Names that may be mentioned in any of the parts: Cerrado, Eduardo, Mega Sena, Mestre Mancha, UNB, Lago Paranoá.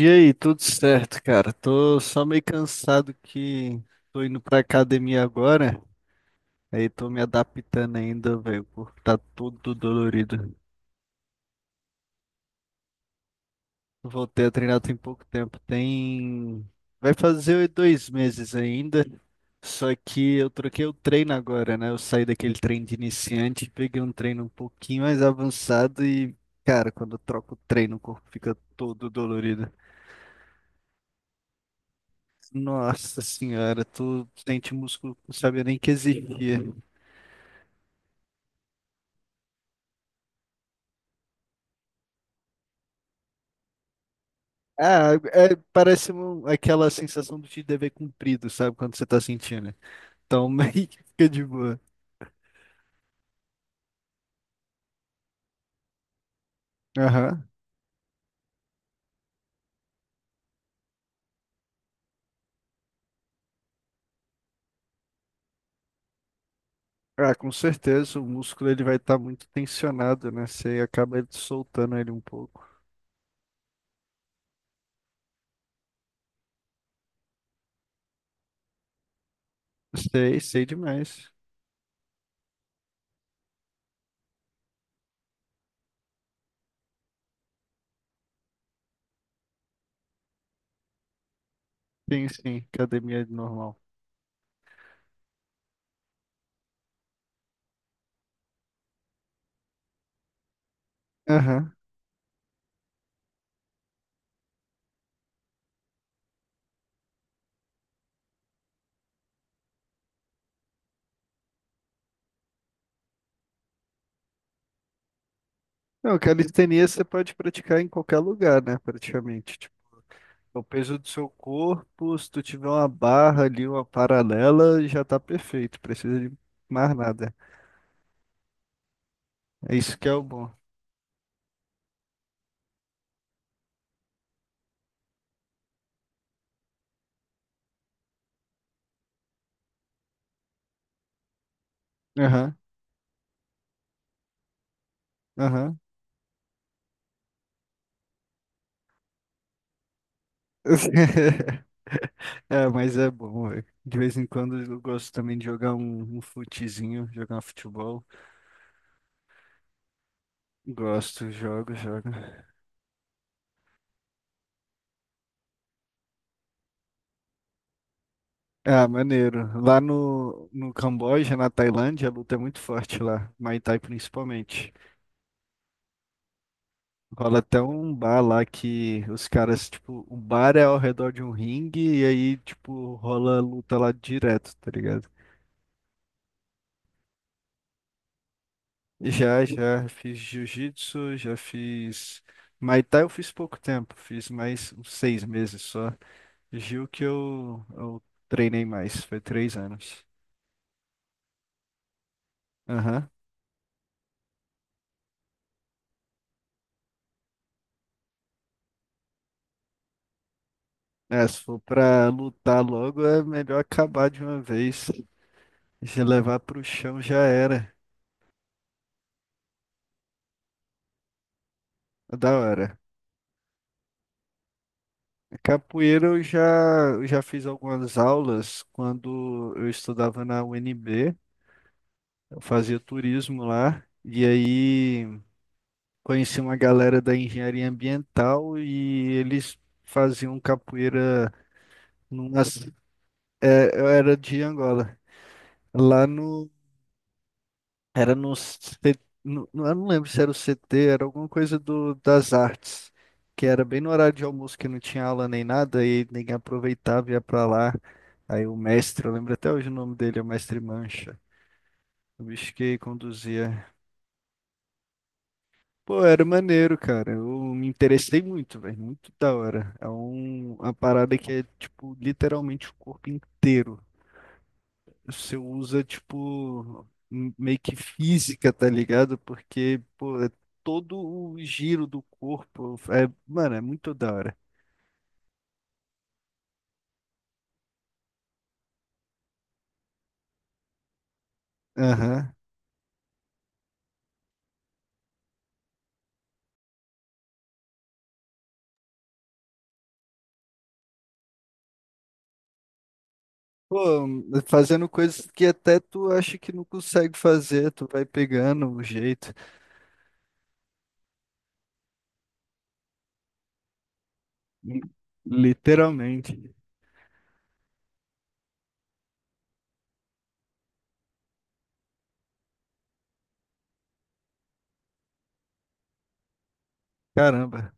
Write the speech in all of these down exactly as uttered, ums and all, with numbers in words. E aí, tudo certo, cara? Tô só meio cansado que tô indo pra academia agora. Aí tô me adaptando ainda, velho. O corpo tá todo dolorido. Voltei a treinar tem pouco tempo. Tem. Vai fazer dois meses ainda. Só que eu troquei o treino agora, né? Eu saí daquele treino de iniciante, e peguei um treino um pouquinho mais avançado e, cara, quando eu troco o treino, o corpo fica todo dolorido. Nossa senhora, tu sente músculo que não sabia nem que existia. Ah, é, parece um- aquela sensação do de dever cumprido, sabe? Quando você tá sentindo. Então, meio que fica de boa. Aham. Ah, com certeza, o músculo ele vai estar muito tensionado, né? Você acaba soltando ele um pouco. Sei, sei demais. Sim, sim, academia normal. Aham. Não, calistenia você pode praticar em qualquer lugar, né? Praticamente. É o peso do seu corpo, se tu tiver uma barra ali, uma paralela, já tá perfeito. Precisa de mais nada. É isso que é o bom. Aham, aham. É, mas é bom, velho. De vez em quando eu gosto também de jogar um, um futezinho, jogar um futebol. Gosto, jogo, jogo. Ah, maneiro. Lá no, no Camboja, na Tailândia, a luta é muito forte lá. Muay Thai principalmente. Rola até um bar lá que os caras, tipo, o bar é ao redor de um ringue e aí, tipo, rola luta lá direto, tá ligado? Já, já fiz jiu-jitsu, já fiz. Muay Thai eu fiz pouco tempo, fiz mais uns seis meses só. Jiu que eu, eu treinei mais, foi três anos. Aham. É, se for pra lutar logo, é melhor acabar de uma vez. Se levar pro chão já era. É, da hora. Capoeira eu já, eu já fiz algumas aulas quando eu estudava na U N B, eu fazia turismo lá, e aí conheci uma galera da engenharia ambiental e eles faziam capoeira numas, é, eu era de Angola, lá no. Era no, C- no- no- eu não lembro se era o C T, era alguma coisa do, das artes, que era bem no horário de almoço que não tinha aula nem nada e ninguém aproveitava e ia pra lá. Aí o mestre, eu lembro até hoje o nome dele, é o mestre Mancha, o bicho que conduzia. Pô, era maneiro, cara. Eu me interessei muito, velho, muito da hora. É um, uma parada que é tipo literalmente o corpo inteiro. Você usa, tipo, m- meio que física, tá ligado? Porque, pô, é todo o giro do corpo. É, mano, é muito da hora. Aham. Pô, fazendo coisas que até tu acha que não consegue fazer, tu vai pegando o jeito. Li- Literalmente. Caramba.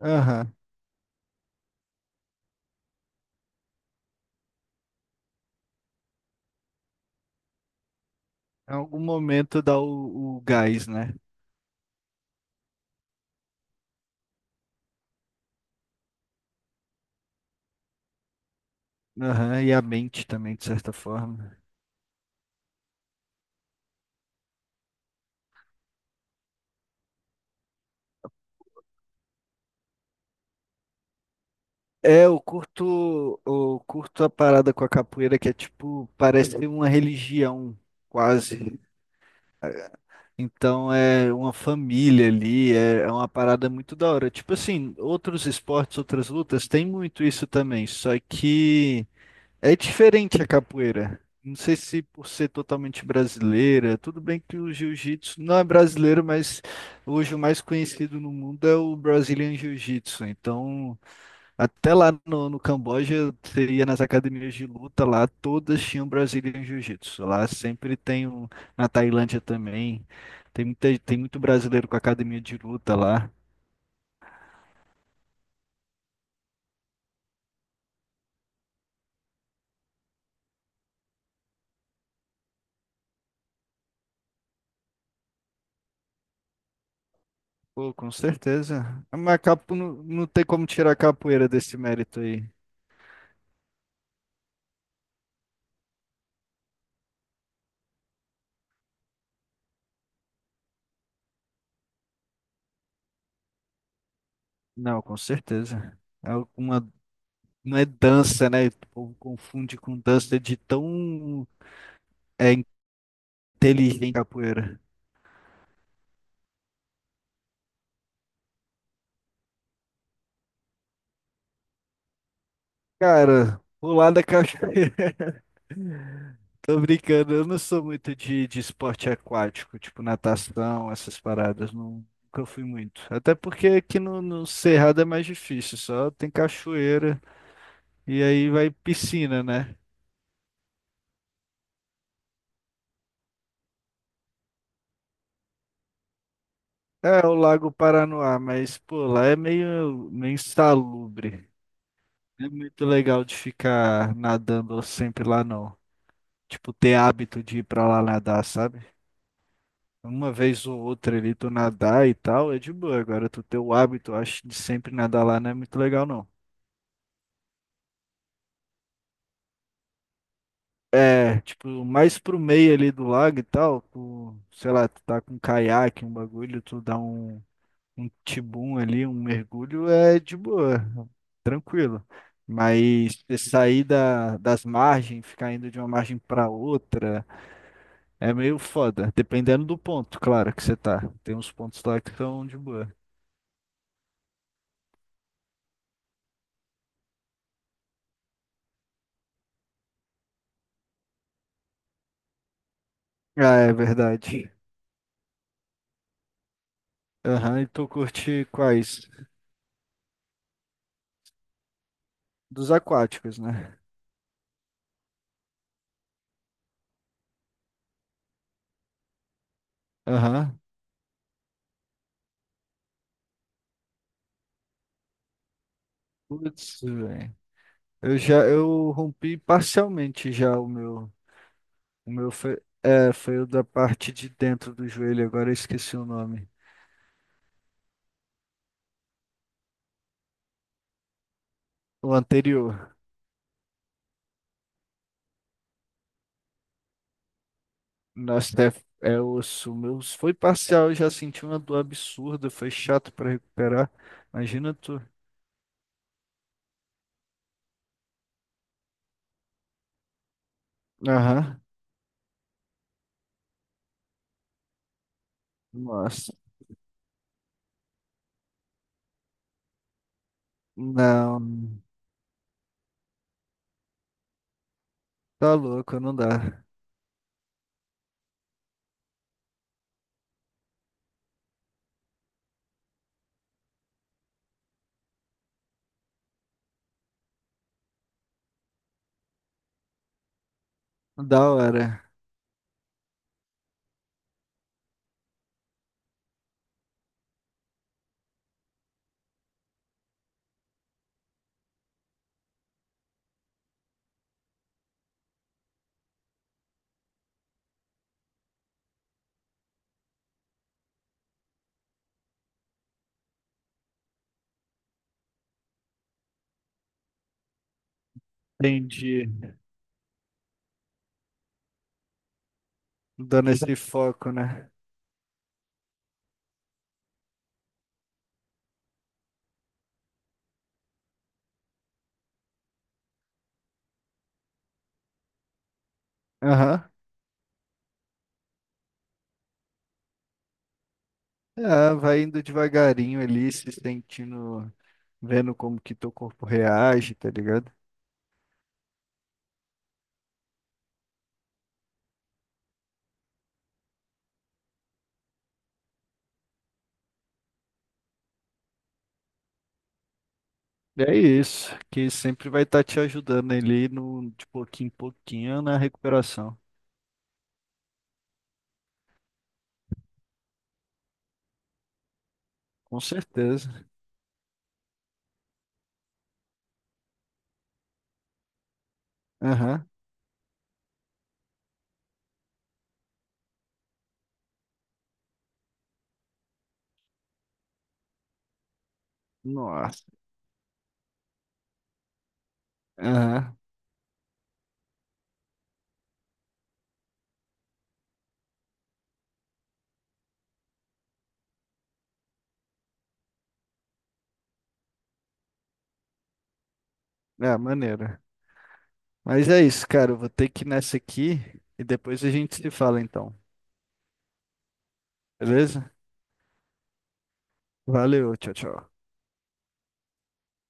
Aham. Em algum momento dá o, o gás, né? Aham. E a mente também, de certa forma. É, eu curto, eu curto a parada com a capoeira que é tipo, parece uma religião, quase. Então é uma família ali, é, é uma parada muito da hora. Tipo assim, outros esportes, outras lutas, tem muito isso também, só que é diferente a capoeira. Não sei se por ser totalmente brasileira, tudo bem que o jiu-jitsu não é brasileiro, mas hoje o mais conhecido no mundo é o Brazilian Jiu-Jitsu. Então. Até lá no, no Camboja, você ia nas academias de luta lá, todas tinham Brazilian Jiu-Jitsu. Lá sempre tem um, na Tailândia também, tem muita, tem muito brasileiro com academia de luta lá. Pô, com certeza. Mas capo, não, não tem como tirar a capoeira desse mérito aí. Não, com certeza. É uma, não é dança, né? O povo confunde com dança de tão é, inteligente a capoeira. Cara, pular da cachoeira. Tô brincando, eu não sou muito de, de esporte aquático, tipo natação, essas paradas, não- nunca fui muito. Até porque aqui no, no Cerrado é mais difícil, só tem cachoeira e aí vai piscina, né? É, o Lago Paranoá, mas pô, lá é meio, meio insalubre. Não é muito legal de ficar nadando sempre lá, não. Tipo, ter hábito de ir pra lá nadar, sabe? Uma vez ou outra ali tu nadar e tal, é de boa. Agora tu ter o hábito, eu acho, de sempre nadar lá não é muito legal, não. É, tipo, mais pro meio ali do lago e tal, tu, sei lá, tu tá com um caiaque, um bagulho, tu dá um, um tibum ali, um mergulho, é de boa, tranquilo. Mas você sair da, das margens, ficar indo de uma margem pra outra, é meio foda, dependendo do ponto, claro, que você tá. Tem uns pontos lá que são de boa. Ah, é verdade. Aham, e tu curte quais? Dos aquáticos, né? Aham. Putz, velho. Eu já eu rompi parcialmente já o meu. O meu foi, é, foi o da parte de dentro do joelho, agora eu esqueci o nome. O anterior. Nossa, é, é osso. O meu foi parcial, eu já senti uma dor absurda, foi chato para recuperar. Imagina tu. Aham. Nossa. Não. Tá louco, não dá. Da hora. Entendi. Dando esse foco, né? Aham. Ah, vai indo devagarinho ali, se sentindo, vendo como que teu corpo reage, tá ligado? É isso, que sempre vai estar te ajudando ali no, de pouquinho em pouquinho na recuperação. Com certeza. Aham. Nossa. Aham. É, maneira. Mas é isso, cara. Eu vou ter que ir nessa aqui e depois a gente se fala então. Beleza? Valeu, tchau, tchau.